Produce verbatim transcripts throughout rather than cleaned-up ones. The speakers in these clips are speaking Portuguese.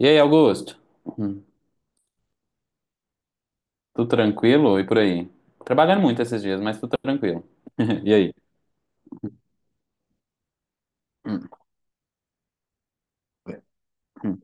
E aí, Augusto? Hum. Tudo tranquilo e por aí? Trabalhando muito esses dias, mas tudo tranquilo. E aí? Hum, hum.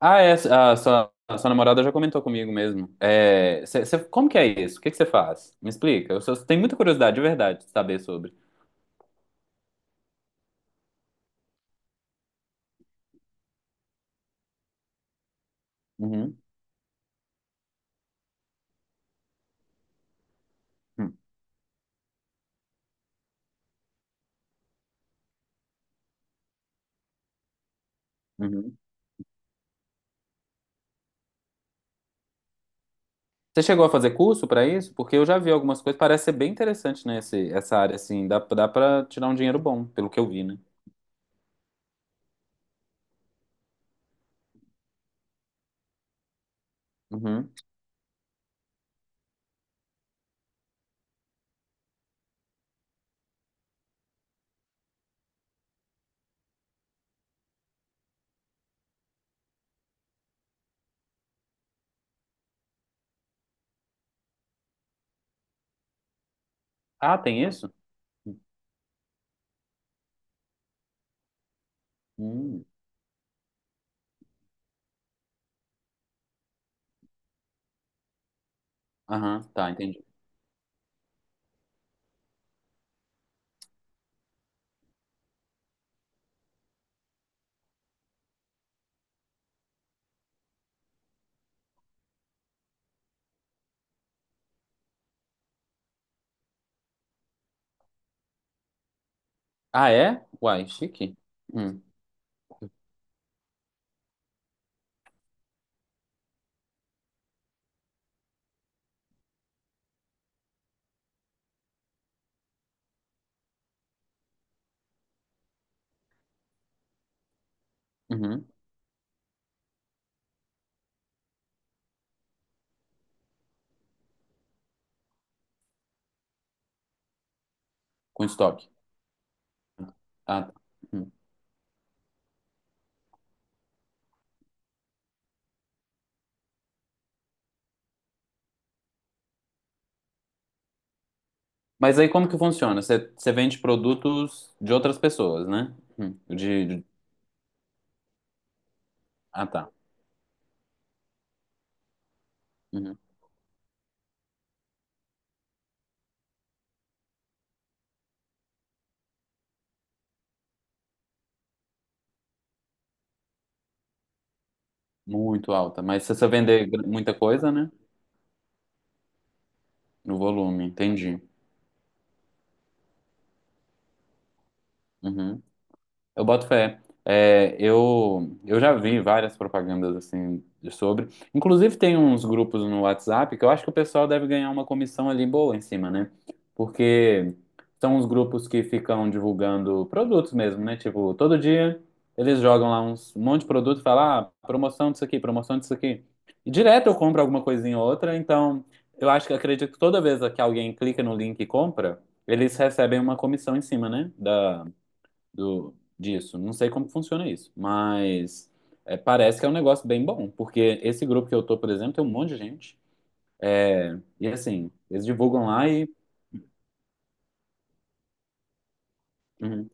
Ah, é, a sua, a sua namorada já comentou comigo mesmo. É, cê- cê- como que é isso? O que que você faz? Me explica. Eu só- tenho muita curiosidade, de verdade, de saber sobre. Uhum, hum, uhum. Você chegou a fazer curso para isso? Porque eu já vi algumas coisas, parece ser bem interessante, né, esse- essa área, assim, dá, dá para tirar um dinheiro bom, pelo que eu vi, né? Uhum. Ah, tem isso? Hum. Aham, tá, entendi. Ah, é? Uai, chique. Hum, uhum. Com estoque. Ah, tá. Hum. Mas aí como que funciona? Você você vende produtos de outras pessoas, né? Hum. De, de- Ah, tá. Uhum. Muito alta. Mas se você vender gr- muita coisa, né? No volume, entendi. Uhum. Eu boto fé. É, eu, eu já vi várias propagandas assim de sobre. Inclusive tem uns grupos no WhatsApp que eu acho que o pessoal deve ganhar uma comissão ali boa em cima, né? Porque são os grupos que ficam divulgando produtos mesmo, né? Tipo, todo dia eles jogam lá uns, um monte de produto e falam, ah, promoção disso aqui, promoção disso aqui. E direto eu compro alguma coisinha ou outra, então eu acho que acredito que toda vez que alguém clica no link e compra, eles recebem uma comissão em cima, né? Da, do, disso. Não sei como funciona isso, mas é, parece que é um negócio bem bom, porque esse grupo que eu tô, por exemplo, tem um monte de gente. É, e assim, eles divulgam lá e. Uhum,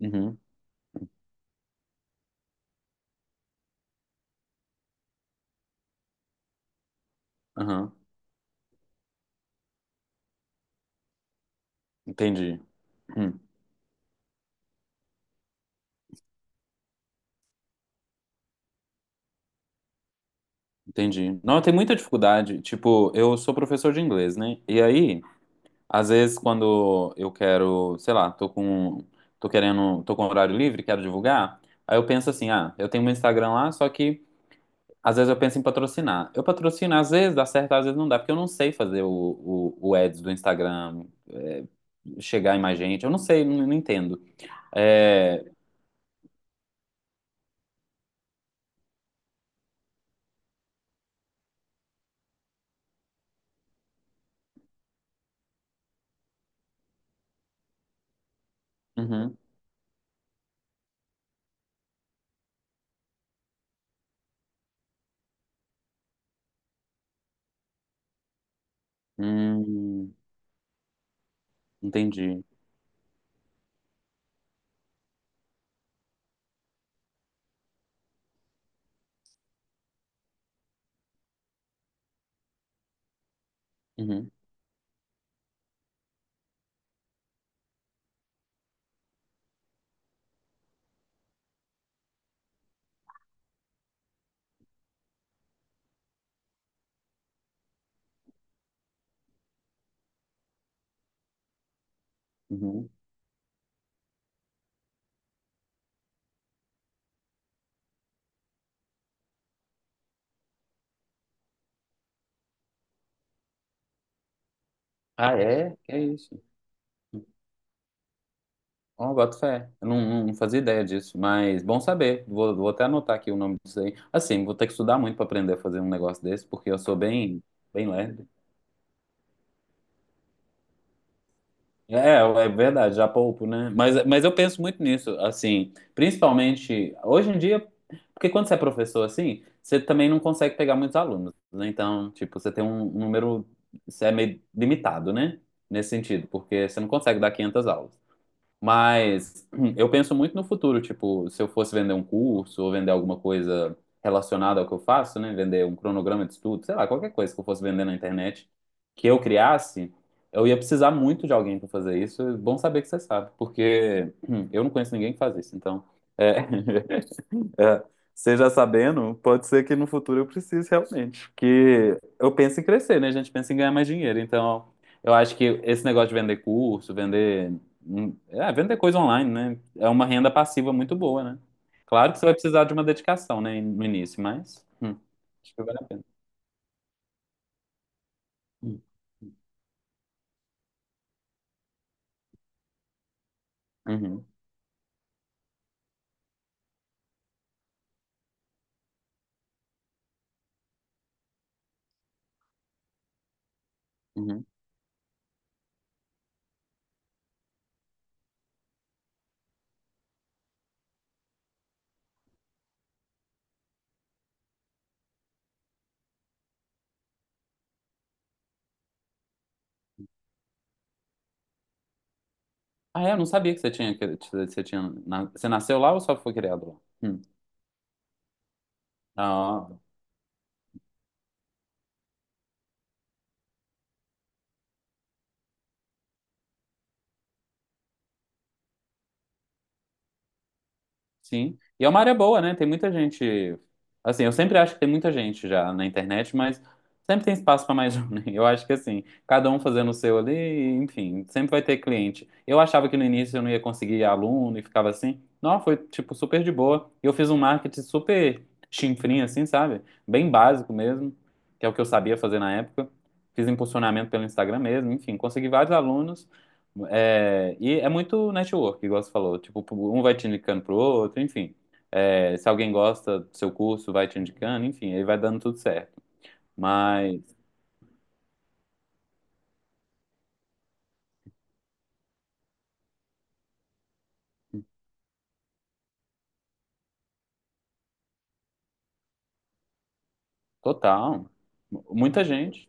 uhum, aham, entendi. Hum, entendi. Não, tem muita dificuldade. Tipo, eu sou professor de inglês, né? E aí, às vezes, quando eu quero, sei lá, tô com. Tô querendo. Tô com horário livre, quero divulgar. Aí eu penso assim, ah, eu tenho meu Instagram lá, só que às vezes eu penso em patrocinar. Eu patrocino, às vezes dá certo, às vezes não dá, porque eu não sei fazer o, o, o ads do Instagram, é, chegar em mais gente. Eu não sei, não, não entendo. É, uhum, hum, entendi. Uhum, uhum. Ah, é? É isso. Ó, boto fé. Eu não, não fazia ideia disso, mas bom saber. Vou, vou até anotar aqui o nome disso aí. Assim, vou ter que estudar muito para aprender a fazer um negócio desse, porque eu sou bem, bem lerdo. É, é é verdade, já poupo, né? Mas, mas eu penso muito nisso, assim, principalmente hoje em dia, porque quando você é professor, assim, você também não consegue pegar muitos alunos, né? Então, tipo, você tem um número, você é meio limitado, né? Nesse sentido, porque você não consegue dar quinhentas aulas. Mas eu penso muito no futuro, tipo, se eu fosse vender um curso ou vender alguma coisa relacionada ao que eu faço, né? Vender um cronograma de estudo, sei lá, qualquer coisa que eu fosse vender na internet que eu criasse, eu ia precisar muito de alguém para fazer isso. É bom saber que você sabe, porque eu não conheço ninguém que faz isso, então é, é, seja sabendo, pode ser que no futuro eu precise realmente. Porque eu penso em crescer, né? A gente pensa em ganhar mais dinheiro. Então, eu acho que esse negócio de vender curso, vender. Hum, é, vender coisa online, né? É uma renda passiva muito boa, né? Claro que você vai precisar de uma dedicação, né? No início, mas. Hum, acho que vale a pena. Hum, Uhum, uhum. Ah, é, eu não sabia que você tinha. Que você tinha, na- você nasceu lá ou só foi criado lá? Hum. Ah, sim. E é uma área boa, né? Tem muita gente. Assim, eu sempre acho que tem muita gente já na internet, mas sempre tem espaço para mais um, né? Eu acho que assim, cada um fazendo o seu ali, enfim, sempre vai ter cliente. Eu achava que no início eu não ia conseguir aluno e ficava assim. Não, foi tipo super de boa. E eu fiz um marketing super chinfrinho, assim, sabe? Bem básico mesmo, que é o que eu sabia fazer na época. Fiz impulsionamento pelo Instagram mesmo, enfim, consegui vários alunos. É, e é muito network, igual você falou. Tipo, um vai te indicando pro outro, enfim. É, se alguém gosta do seu curso, vai te indicando, enfim, aí vai dando tudo certo. Mas, total, muita gente.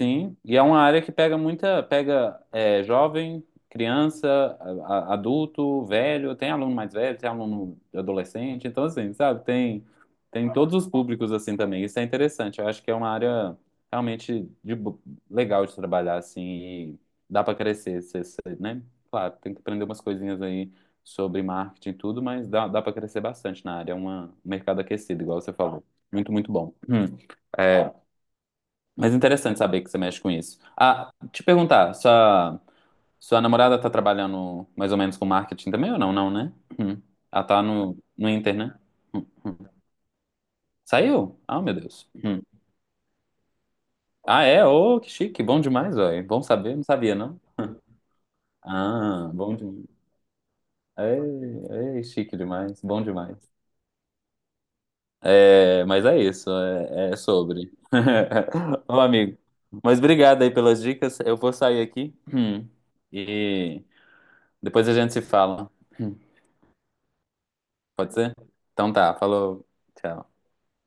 Sim, e é uma área que pega muita, pega é, jovem, criança, a- a- adulto, velho, tem aluno mais velho, tem aluno adolescente, então assim, sabe, tem, tem todos os públicos assim também, isso é interessante, eu acho que é uma área realmente de, bo- legal de trabalhar assim, e dá para crescer, você- você, né? Claro, tem que aprender umas coisinhas aí sobre marketing e tudo, mas dá, dá para crescer bastante na área, é uma, um mercado aquecido, igual você falou, muito, muito bom. Hum. É, mas é interessante saber que você mexe com isso. Ah, te perguntar, sua, sua namorada tá trabalhando mais ou menos com marketing também ou não? Não, né? Hum. Ela tá no, no Inter, né? Hum, hum. Saiu? Ah, meu Deus. Hum. Ah, é? Ô, que chique, bom demais, velho. Bom saber, não sabia, não? Ah, bom demais. Ei, ei, chique demais, bom demais. É, mas é isso, é, é sobre. Ô, amigo. Mas obrigado aí pelas dicas. Eu vou sair aqui. Hum. E depois a gente se fala. Pode ser? Então tá, falou. Tchau.